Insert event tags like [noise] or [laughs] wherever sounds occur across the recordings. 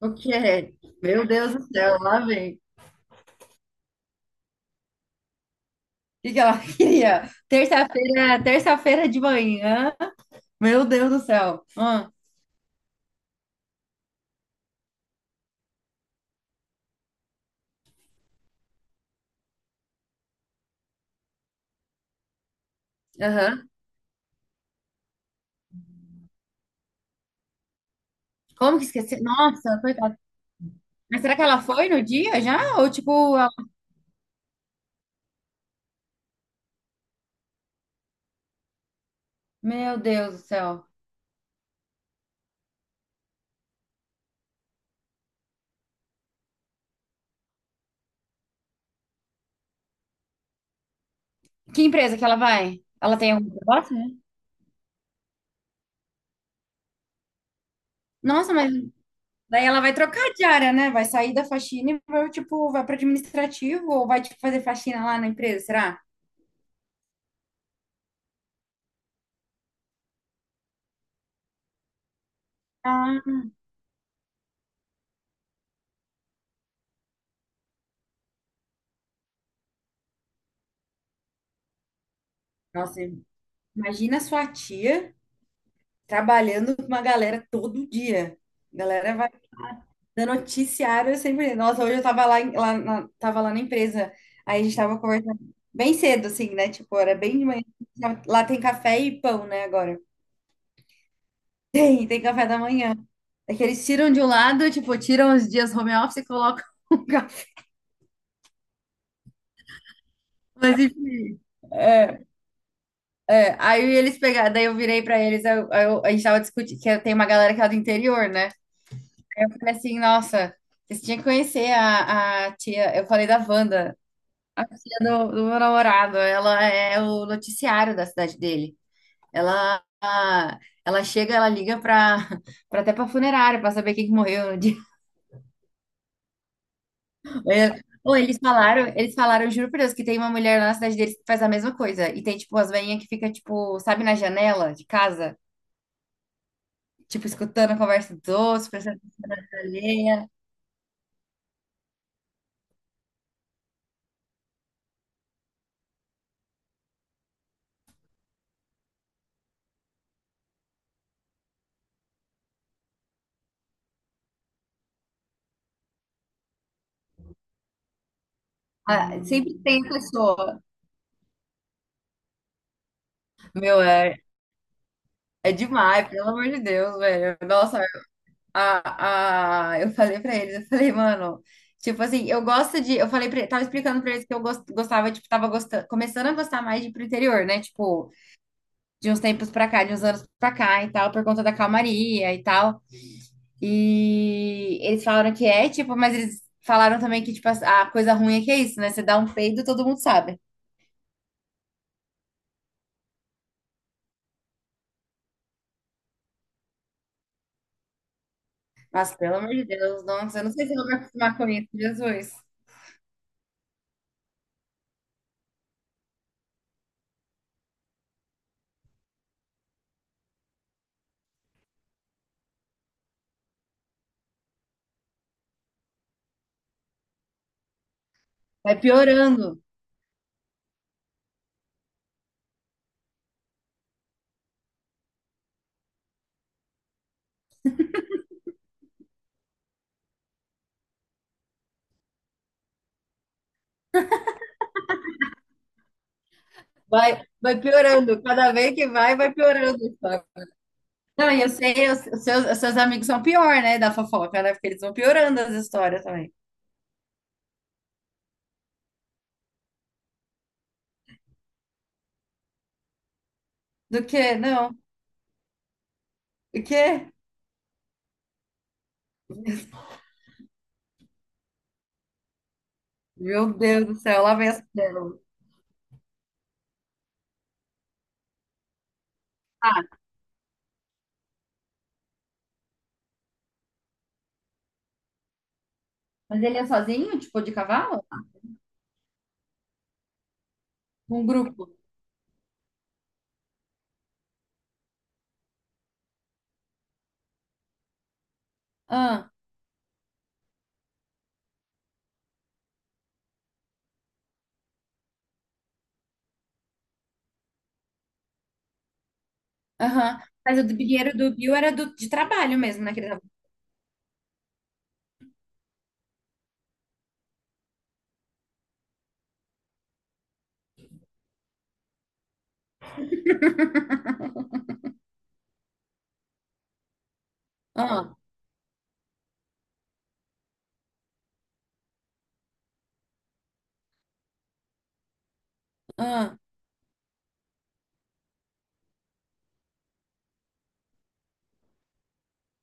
O que é? Meu Deus do céu, lá vem. O que que ela [laughs] queria? Terça-feira, terça-feira de manhã. Meu Deus do céu. Ah. Aham. Como que esqueci? Nossa, coitada. Mas será que ela foi no dia já? Ou tipo, ela- meu Deus do céu. Que empresa que ela vai? Ela tem algum negócio, né? Nossa, mas daí ela vai trocar de área, né? Vai sair da faxina e vai, tipo, vai para administrativo ou vai, tipo, fazer faxina lá na empresa, será? Ah, nossa, imagina sua tia trabalhando com uma galera todo dia. A galera vai dando noticiário eu sempre. Nossa, hoje eu tava lá, em- lá na, tava lá na empresa. Aí a gente tava conversando bem cedo, assim, né? Tipo, era bem de manhã. Lá tem café e pão, né, agora. Tem, tem café da manhã. É que eles tiram de um lado, tipo, tiram os dias home office e colocam [laughs] o café. Mas, enfim, é, é. Aí eles pegaram, daí eu virei pra eles, aí eu- a gente tava discutindo, que tem uma galera que é do interior, né? Falei assim, nossa, vocês tinham que conhecer a tia. Eu falei da Wanda, a tia do, do meu namorado. Ela é o noticiário da cidade dele. Ela, a- ela chega, ela liga para [laughs] até para funerária para saber quem que morreu no dia. [laughs] É. Ou eles falaram, juro por Deus, que tem uma mulher lá na cidade deles que faz a mesma coisa. E tem, tipo, as velhinhas que fica, tipo, sabe, na janela de casa, tipo, escutando a conversa dos outros, prestando atenção na alheia. Ah, sempre tem a pessoa. Meu, é, é demais, pelo amor de Deus, velho. Nossa, eu falei pra eles, eu falei, mano, tipo assim, eu gosto de, eu falei pra, tava explicando pra eles que eu gos- gostava, tipo, tava gostando, começando a gostar mais de ir pro interior, né? Tipo, de uns tempos pra cá, de uns anos pra cá e tal, por conta da calmaria e tal. E eles falaram que é, tipo, mas eles falaram também que, tipo, a coisa ruim é que é isso, né? Você dá um peido, todo mundo sabe. Mas, pelo amor de Deus, nossa, eu não sei se eu vou me acostumar com isso, Jesus. Vai piorando. Vai, vai piorando. Cada vez que vai, vai piorando. Só. Não, e eu sei, os seus, os seus amigos são pior, né, da fofoca, né? Porque eles vão piorando as histórias também. Do que? Não. O quê? Meu Deus do céu, lá vem as pérolas. Mas ele é sozinho, tipo, de cavalo? Um grupo? Ah, aham. Mas o do dinheiro do Bill era do, de trabalho mesmo, né? Que ele tava- ah, ah,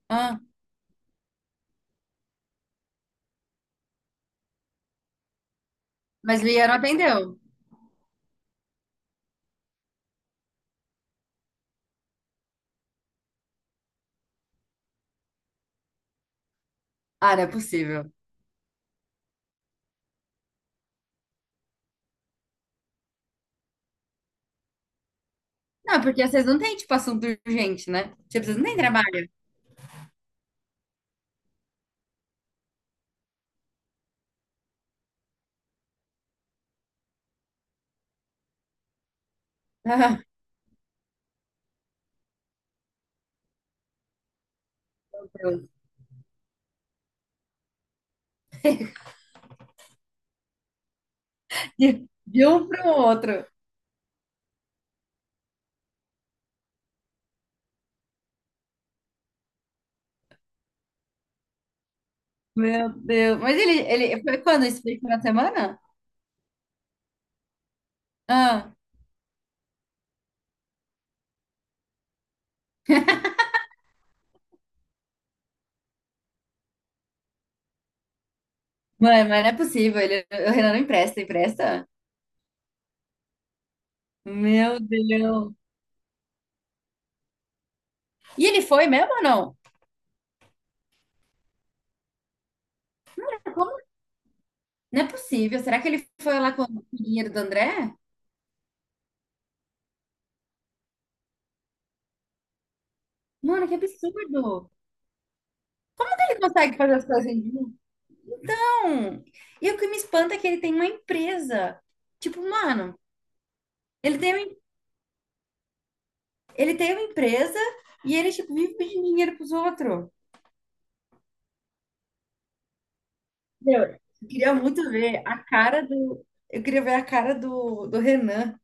ah. Mas Lia não atendeu. Ah, não é possível. Não, porque vocês não têm, tipo, assunto urgente, né? Tipo, vocês não têm trabalho. [laughs] Ah, meu Deus. De um para o outro. Meu Deus. Mas ele foi quando? Isso foi na semana? Ah, mãe, mas não é possível. Ele, o Renan não empresta, empresta? Meu Deus. E ele foi mesmo ou não? Como? Não é possível. Será que ele foi lá com o dinheiro do André? Mano, que absurdo. Ele consegue fazer as coisas em um? Não. E o que me espanta é que ele tem uma empresa. Tipo, mano, ele tem, ele tem uma empresa e ele, tipo, vive pedindo dinheiro pros outros. Meu, eu queria muito ver a cara do. Eu queria ver a cara do, do Renan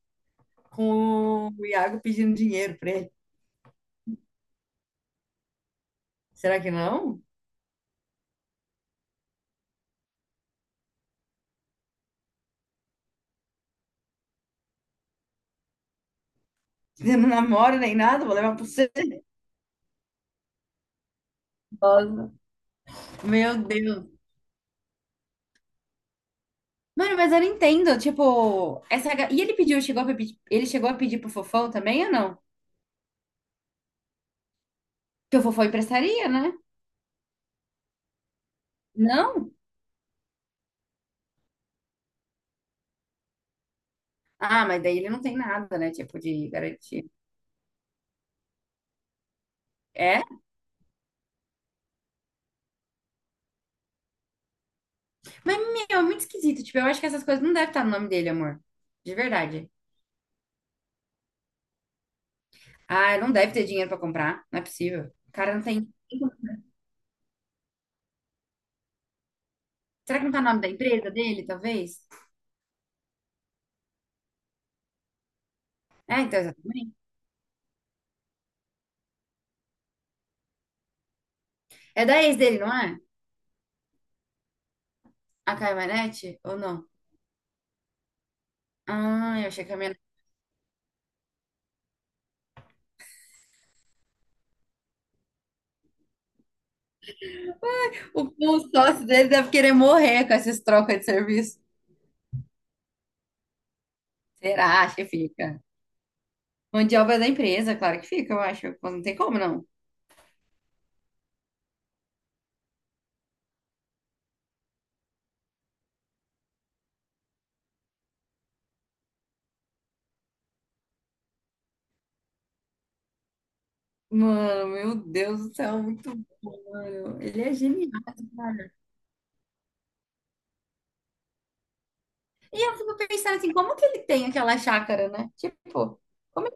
com o Iago pedindo dinheiro pra ele. Será que não? Eu não namoro nem nada, vou levar pra você. Nossa. Meu Deus. Mano, mas eu não entendo. Tipo, essa. Ga- e ele pediu, chegou a pedir, ele chegou a pedir pro Fofão também ou não? Porque o Fofão emprestaria, né? Não? Ah, mas daí ele não tem nada, né? Tipo, de garantia. É? Mas, meu, é muito esquisito. Tipo, eu acho que essas coisas não devem estar no nome dele, amor. De verdade. Ah, não deve ter dinheiro pra comprar. Não é possível. O cara não tem. Será que não tá o nome da empresa dele, talvez? É, então, exatamente. É da ex dele, não é? A Caio Manetti? Ou não? Ah, eu achei que a minha. O, o sócio dele deve querer morrer com essas trocas de serviço. Será que fica? Mão de obra da empresa, claro que fica, eu acho. Pô, não tem como, não. Mano, meu Deus do céu, muito bom, mano. Ele é genial, cara. E eu fico pensando assim, como que ele tem aquela chácara, né? Tipo, como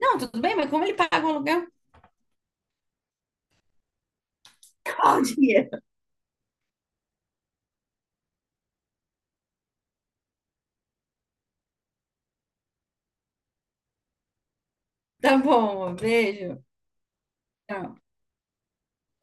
não, tudo bem, mas como ele paga o aluguel? [laughs] Qual o dinheiro? Tá bom, beijo. Tchau.